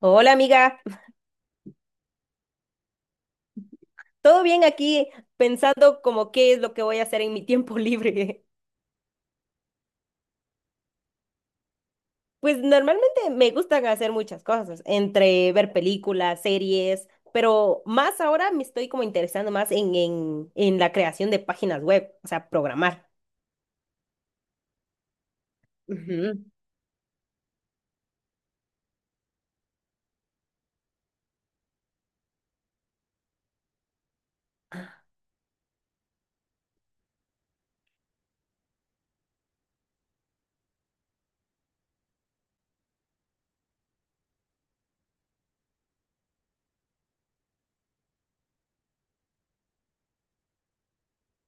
Hola amiga, ¿todo bien aquí? Pensando como qué es lo que voy a hacer en mi tiempo libre. Pues normalmente me gustan hacer muchas cosas, entre ver películas, series, pero más ahora me estoy como interesando más en la creación de páginas web, o sea, programar. Ujú,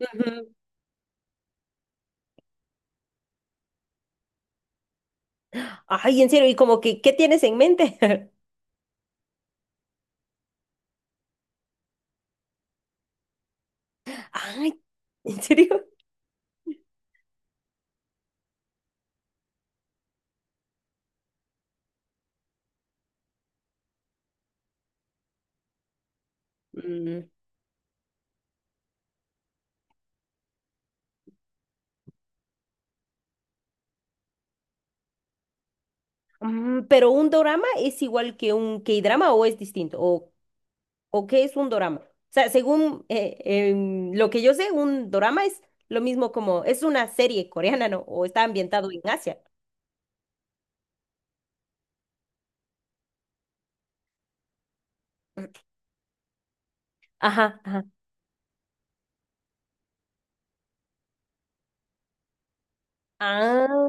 ujú. Ay, en serio, ¿y como que qué tienes en mente? Ay, ¿en serio? Mm, mm, ¿pero un dorama es igual que un K-drama o es distinto? ¿O qué es un dorama? O sea, según lo que yo sé, un dorama es lo mismo como, es una serie coreana, ¿no? O está ambientado en Asia. Ajá, ajá. Ah,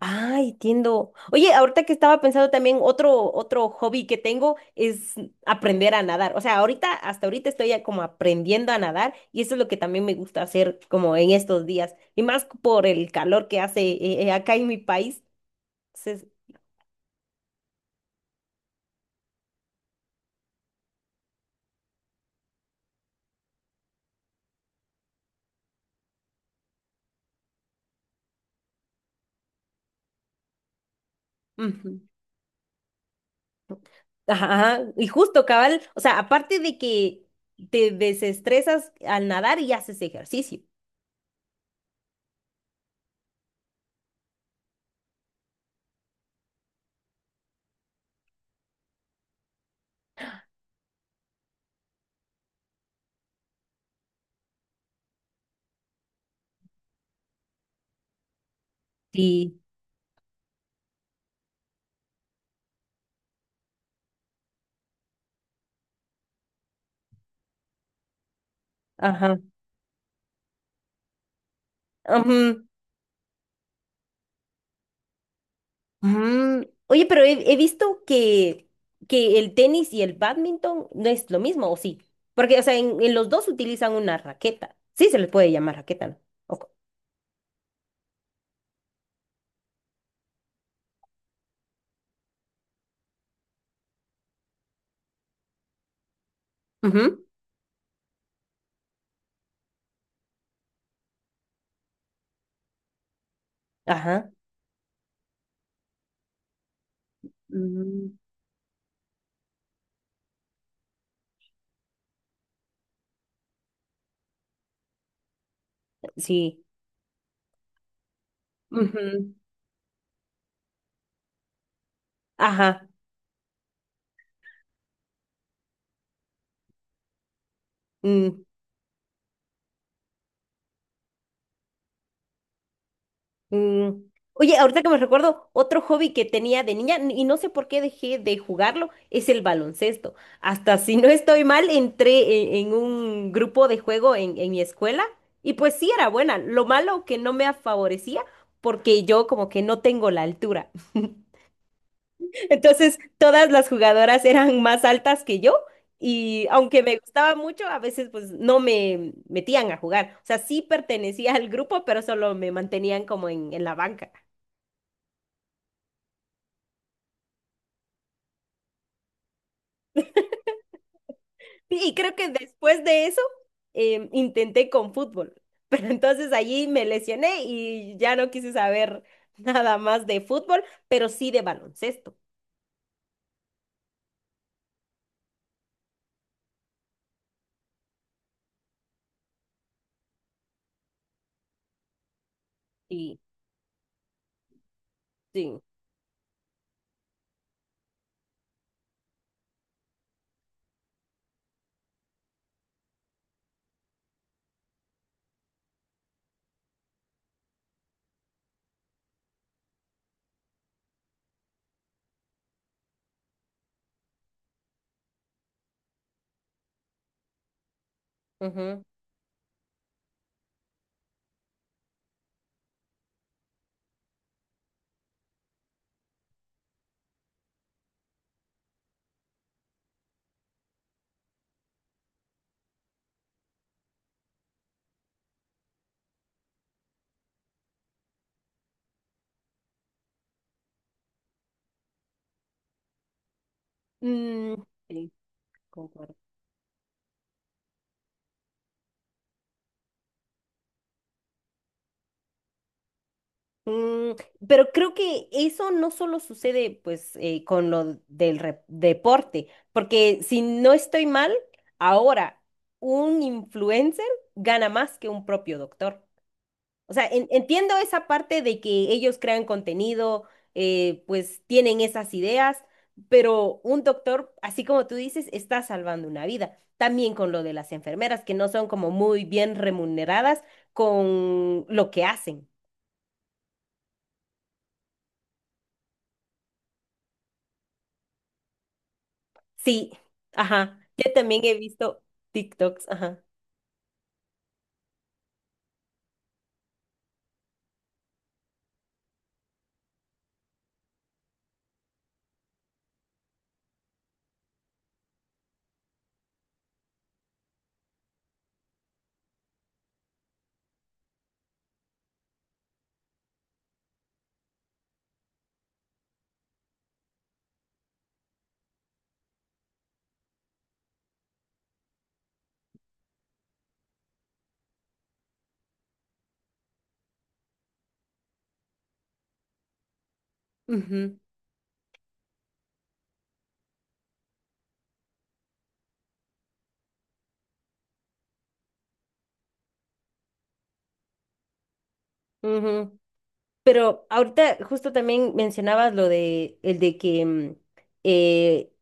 ah, entiendo. Oye, ahorita que estaba pensando también, otro hobby que tengo es aprender a nadar. O sea, ahorita, hasta ahorita estoy ya como aprendiendo a nadar y eso es lo que también me gusta hacer como en estos días. Y más por el calor que hace acá en mi país. Entonces, ujú. Ajá, ajá, y justo, cabal, o sea, aparte de que te desestresas al nadar y haces ejercicio. Sí. Ajá. Ujú, ujú. Oye, pero he visto que el tenis y el bádminton no es lo mismo, ¿o sí? Porque, o sea, en los dos utilizan una raqueta. Sí, se les puede llamar raqueta, ¿no? Ok. Ujú, ajá. Mm, sí. Ujú, ajá. Mm. Mm, oye, ahorita que me recuerdo, otro hobby que tenía de niña, y no sé por qué dejé de jugarlo, es el baloncesto. Hasta si no estoy mal, entré en un grupo de juego en mi escuela y pues sí era buena. Lo malo que no me favorecía porque yo como que no tengo la altura. Entonces, todas las jugadoras eran más altas que yo y aunque me gustaba mucho, a veces pues no me metían a jugar. O sea, sí pertenecía al grupo, pero solo me mantenían como en la banca. Sí, y creo que después de eso intenté con fútbol, pero entonces allí me lesioné y ya no quise saber nada más de fútbol, pero sí de baloncesto. Sí, sí, ujú, mm, sí, concuerdo. Mm, pero creo que eso no solo sucede pues con lo del deporte, porque si no estoy mal, ahora un influencer gana más que un propio doctor. O sea, entiendo esa parte de que ellos crean contenido, pues tienen esas ideas, pero un doctor, así como tú dices, está salvando una vida. También con lo de las enfermeras, que no son como muy bien remuneradas con lo que hacen. Sí, ajá. Yo también he visto TikToks, ajá. Ujú, ujú. Pero ahorita justo también mencionabas lo de el de que mm, eh,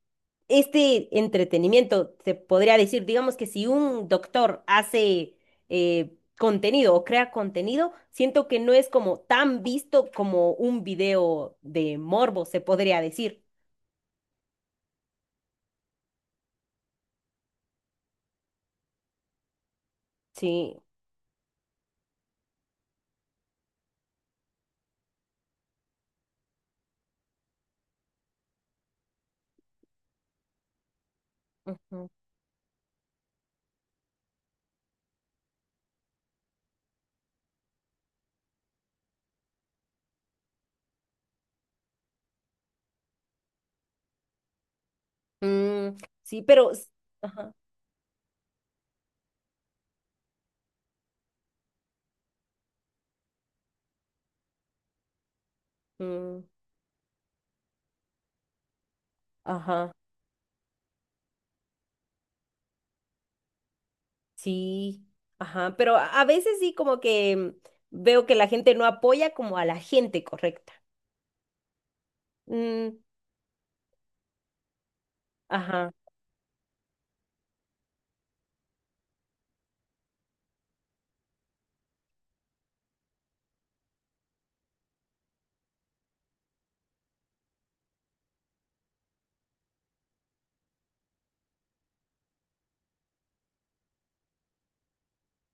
este entretenimiento se podría decir, digamos que si un doctor hace contenido o crea contenido, siento que no es como tan visto como un video de morbo, se podría decir. Sí. Ujú. Mm, sí, pero ajá. Mm, ajá. Sí, ajá, pero a veces sí como que mm, veo que la gente no apoya como a la gente correcta. Mm, ajá.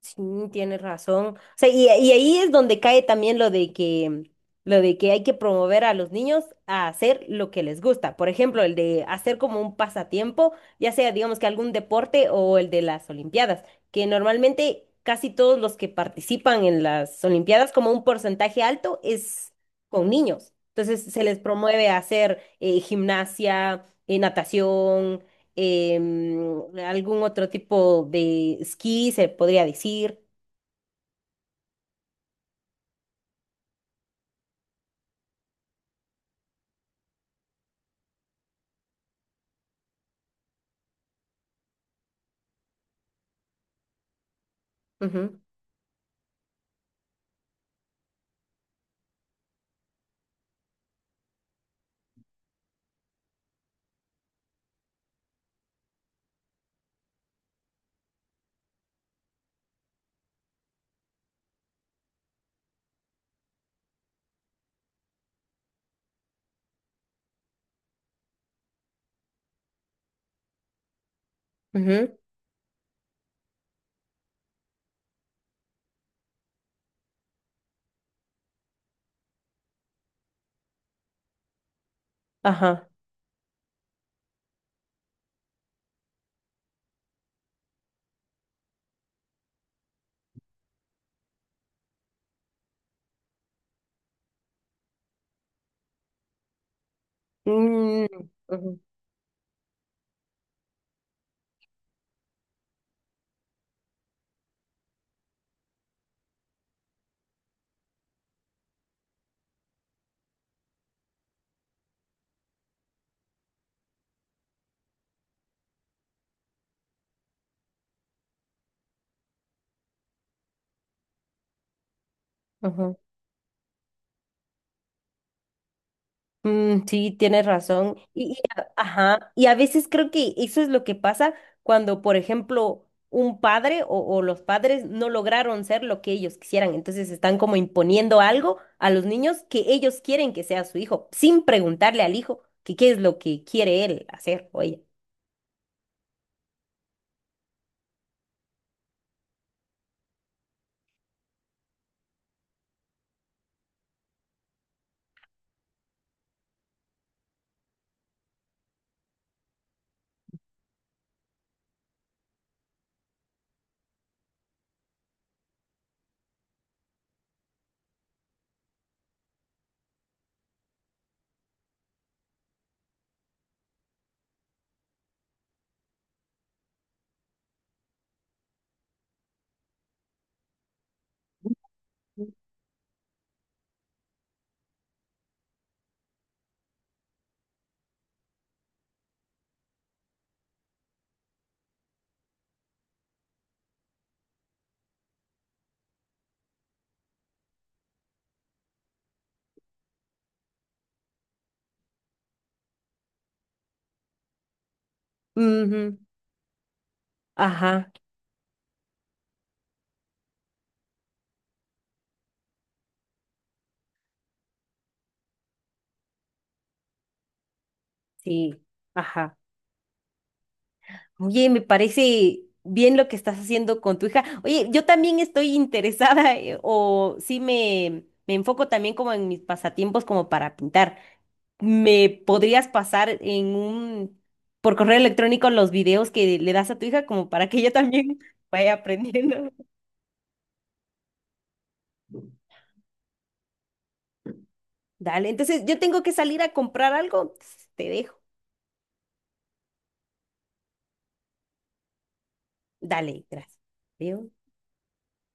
Sí, tienes razón. O sea, y ahí es donde cae también lo de que hay que promover a los niños a hacer lo que les gusta. Por ejemplo, el de hacer como un pasatiempo, ya sea, digamos que algún deporte o el de las Olimpiadas, que normalmente casi todos los que participan en las Olimpiadas, como un porcentaje alto, es con niños. Entonces se les promueve a hacer gimnasia, natación em, algún otro tipo de esquí, se podría decir. Ujú, ujú, ajá. Mm, ujú, ujú. Mm, sí, tienes razón. Y ajá. Y a veces creo que eso es lo que pasa cuando, por ejemplo, un padre o los padres no lograron ser lo que ellos quisieran. Entonces están como imponiendo algo a los niños que ellos quieren que sea su hijo, sin preguntarle al hijo que qué es lo que quiere él hacer o ella. Ujú, ajá. Sí, ajá. Oye, me parece bien lo que estás haciendo con tu hija. Oye, yo también estoy interesada, o sí me enfoco también como en mis pasatiempos como para pintar. ¿Me podrías pasar en un, por correo electrónico los videos que le das a tu hija como para que ella también vaya aprendiendo? Dale, entonces yo tengo que salir a comprar algo. Te dejo. Dale, gracias. Adiós.